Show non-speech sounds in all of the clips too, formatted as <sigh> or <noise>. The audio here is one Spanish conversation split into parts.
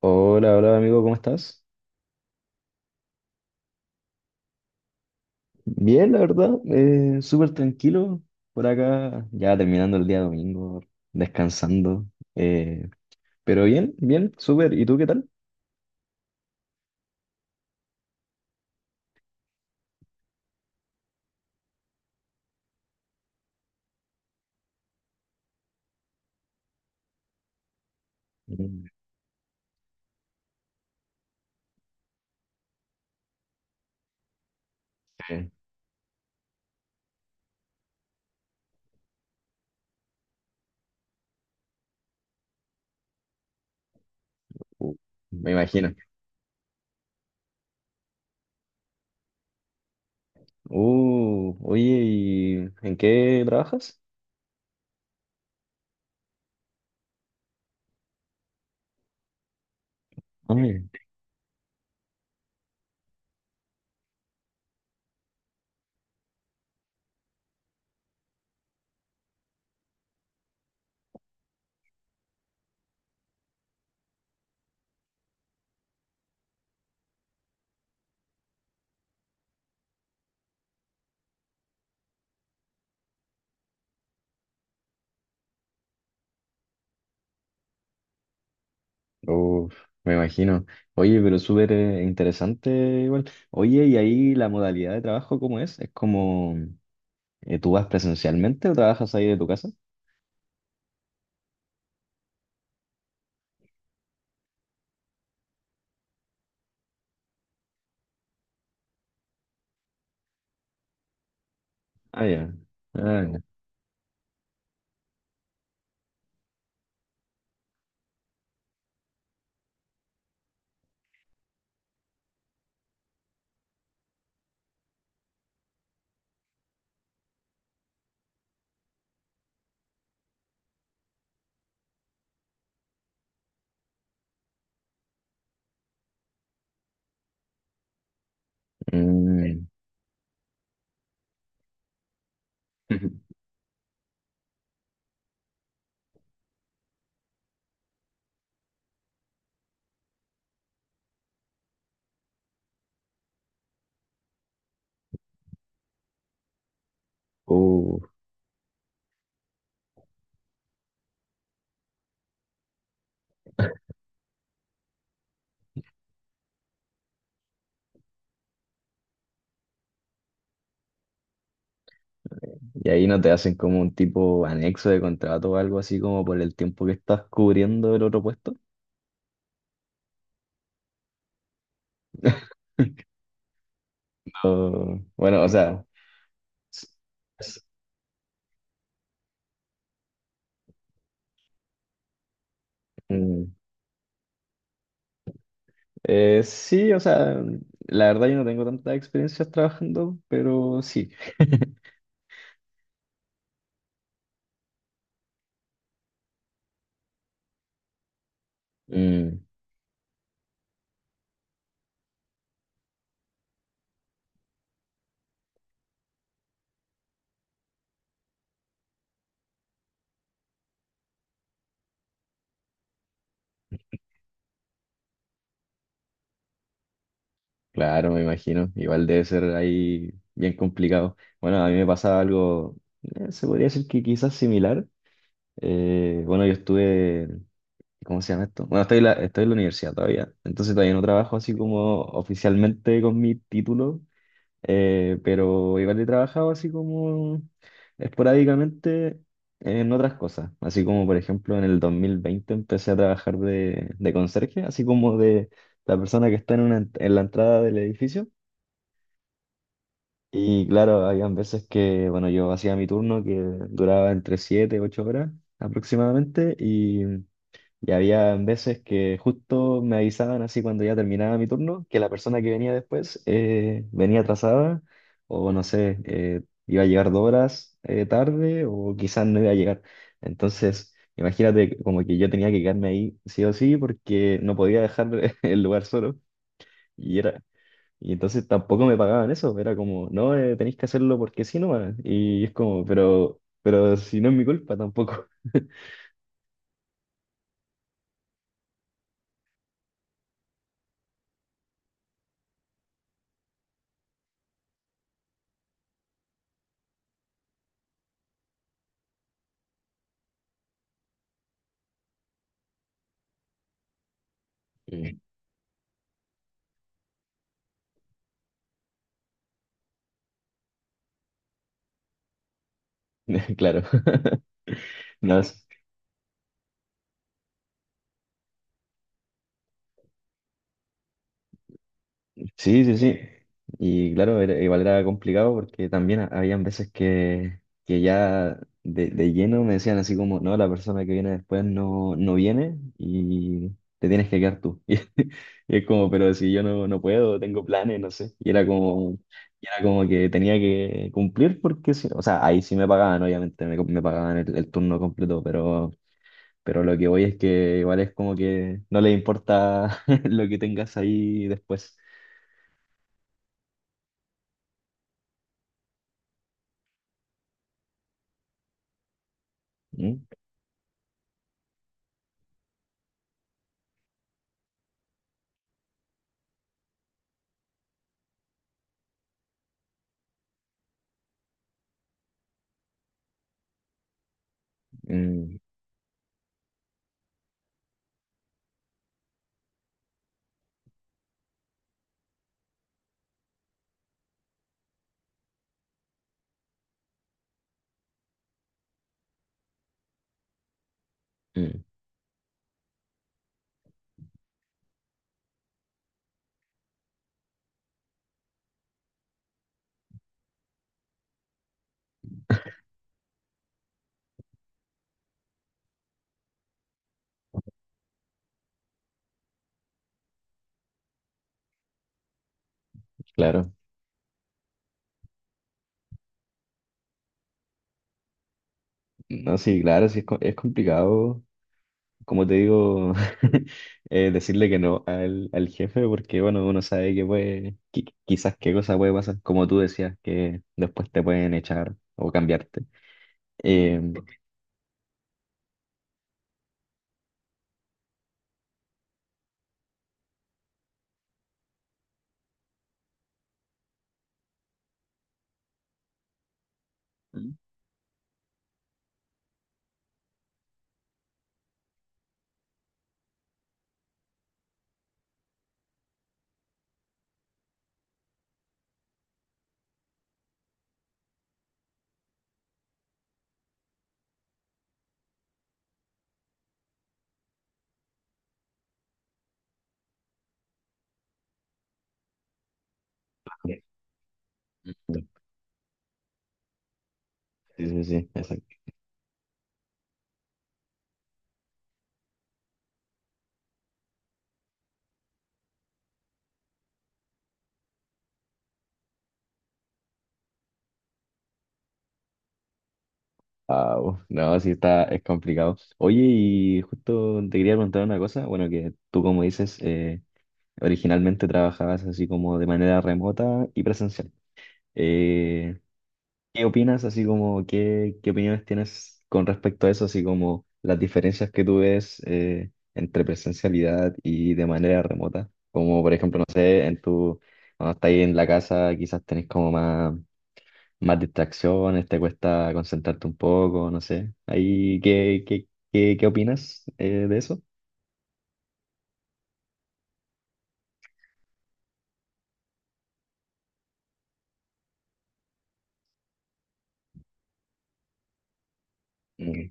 Hola, hola amigo, ¿cómo estás? Bien, la verdad, súper tranquilo por acá, ya terminando el día domingo, descansando, eh, pero bien, bien, súper, ¿y tú qué tal? Mm. eh, uh, Me imagino. Oye, ¿y en qué trabajas? Ay, uf, me imagino. Oye, pero súper interesante igual. Oye, ¿y ahí la modalidad de trabajo cómo es? ¿Es como tú vas presencialmente o trabajas ahí de tu casa? Ah, ya. Ah, ya. Mm. <laughs> uh, ¿Y ahí no te hacen como un tipo anexo de contrato o algo así como por el tiempo que estás cubriendo el otro puesto? Bueno, o sea, s- s- mm, sí, o sea, la verdad yo no tengo tantas experiencias trabajando, pero sí. <laughs> Mm, claro, me imagino. Igual debe ser ahí bien complicado. Bueno, a mí me pasaba algo, se podría decir que quizás similar. Bueno, yo estuve. ¿Cómo se llama esto? Bueno, estoy en la universidad todavía, entonces todavía no trabajo así como oficialmente con mi título, pero igual he trabajado así como esporádicamente en otras cosas, así como por ejemplo en el 2020 empecé a trabajar de, conserje, así como de la persona que está en, una, en la entrada del edificio. Y claro, habían veces que, bueno, yo hacía mi turno que duraba entre 7, 8 horas aproximadamente y había veces que justo me avisaban así cuando ya terminaba mi turno, que la persona que venía después venía atrasada o no sé, iba a llegar 2 horas tarde o quizás no iba a llegar. Entonces, imagínate como que yo tenía que quedarme ahí sí o sí porque no podía dejar <laughs> el lugar solo. Y era, y entonces tampoco me pagaban eso, era como, no, tenéis que hacerlo porque sí nomás. Y es como, pero si no es mi culpa tampoco. <laughs> <laughs> Claro. <laughs> No, sí, sí, sí. Y claro, igual era complicado porque también habían veces que ya de lleno me decían así como, no, la persona que viene después no viene y te tienes que quedar tú. <laughs> Y, es como, pero si yo no, no puedo, tengo planes, no sé. Y era como que tenía que cumplir porque, sí, o sea, ahí sí me pagaban, obviamente, me pagaban el turno completo, pero. Pero lo que voy es que igual es como que no les importa <laughs> lo que tengas ahí después. Mm, mm, mm. Claro. No, sí, claro, sí es, es complicado, como te digo, <laughs> decirle que no al, al jefe, porque bueno, uno sabe que puede, quizás qué cosa puede pasar, como tú decías, que después te pueden echar o cambiarte. Eh, Mm. Sí, sí, sí. Ah, uf, no, sí está, es complicado. Oye, y justo te quería preguntar una cosa. Bueno, que tú, como dices, originalmente trabajabas así como de manera remota y presencial. Eh, ¿Qué opinas, así como, qué opiniones tienes con respecto a eso, así como las diferencias que tú ves entre presencialidad y de manera remota? Como, por ejemplo, no sé, en tu, cuando estás ahí en la casa, quizás tenés como más más distracciones, te cuesta concentrarte un poco, no sé. Ahí, qué opinas de eso? Mm.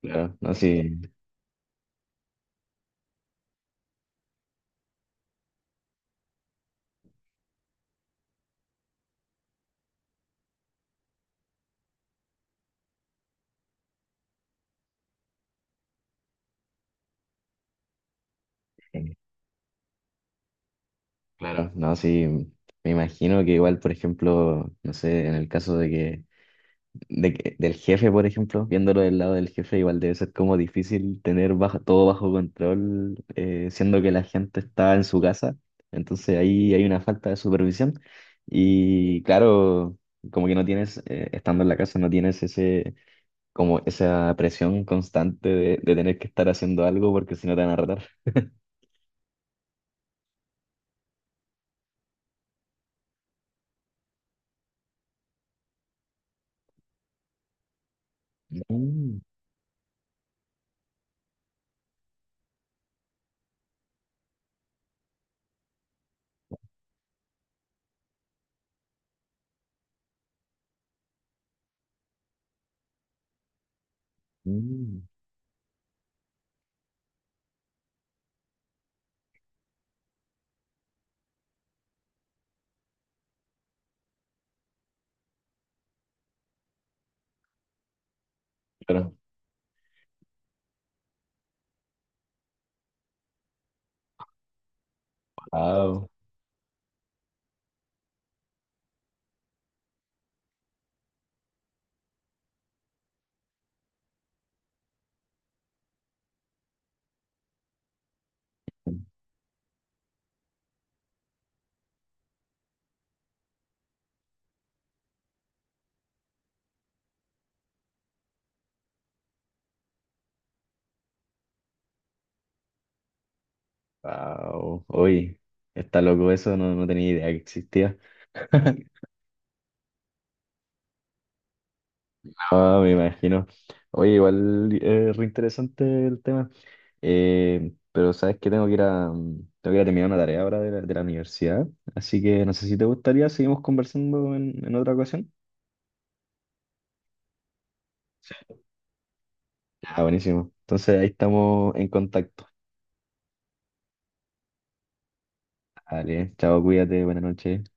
Claro, no, sí, claro, no, sí, me imagino que igual, por ejemplo, no sé, en el caso de que del jefe, por ejemplo, viéndolo del lado del jefe, igual debe ser como difícil tener bajo, todo bajo control, siendo que la gente está en su casa. Entonces ahí hay una falta de supervisión. Y claro, como que no tienes, estando en la casa, no tienes ese, como esa presión constante de tener que estar haciendo algo porque si no te van a retar. Mm, mm. Pero, wow, wow, hoy está loco eso, no, no tenía idea que existía. <laughs> Ah, me imagino. Oye, igual re interesante el tema. Pero sabes que tengo que ir a, tengo que ir a terminar una tarea ahora de la universidad. Así que no sé si te gustaría, seguimos conversando en otra ocasión. Ah, buenísimo. Entonces ahí estamos en contacto. Vale, chao, cuídate, buenas noches.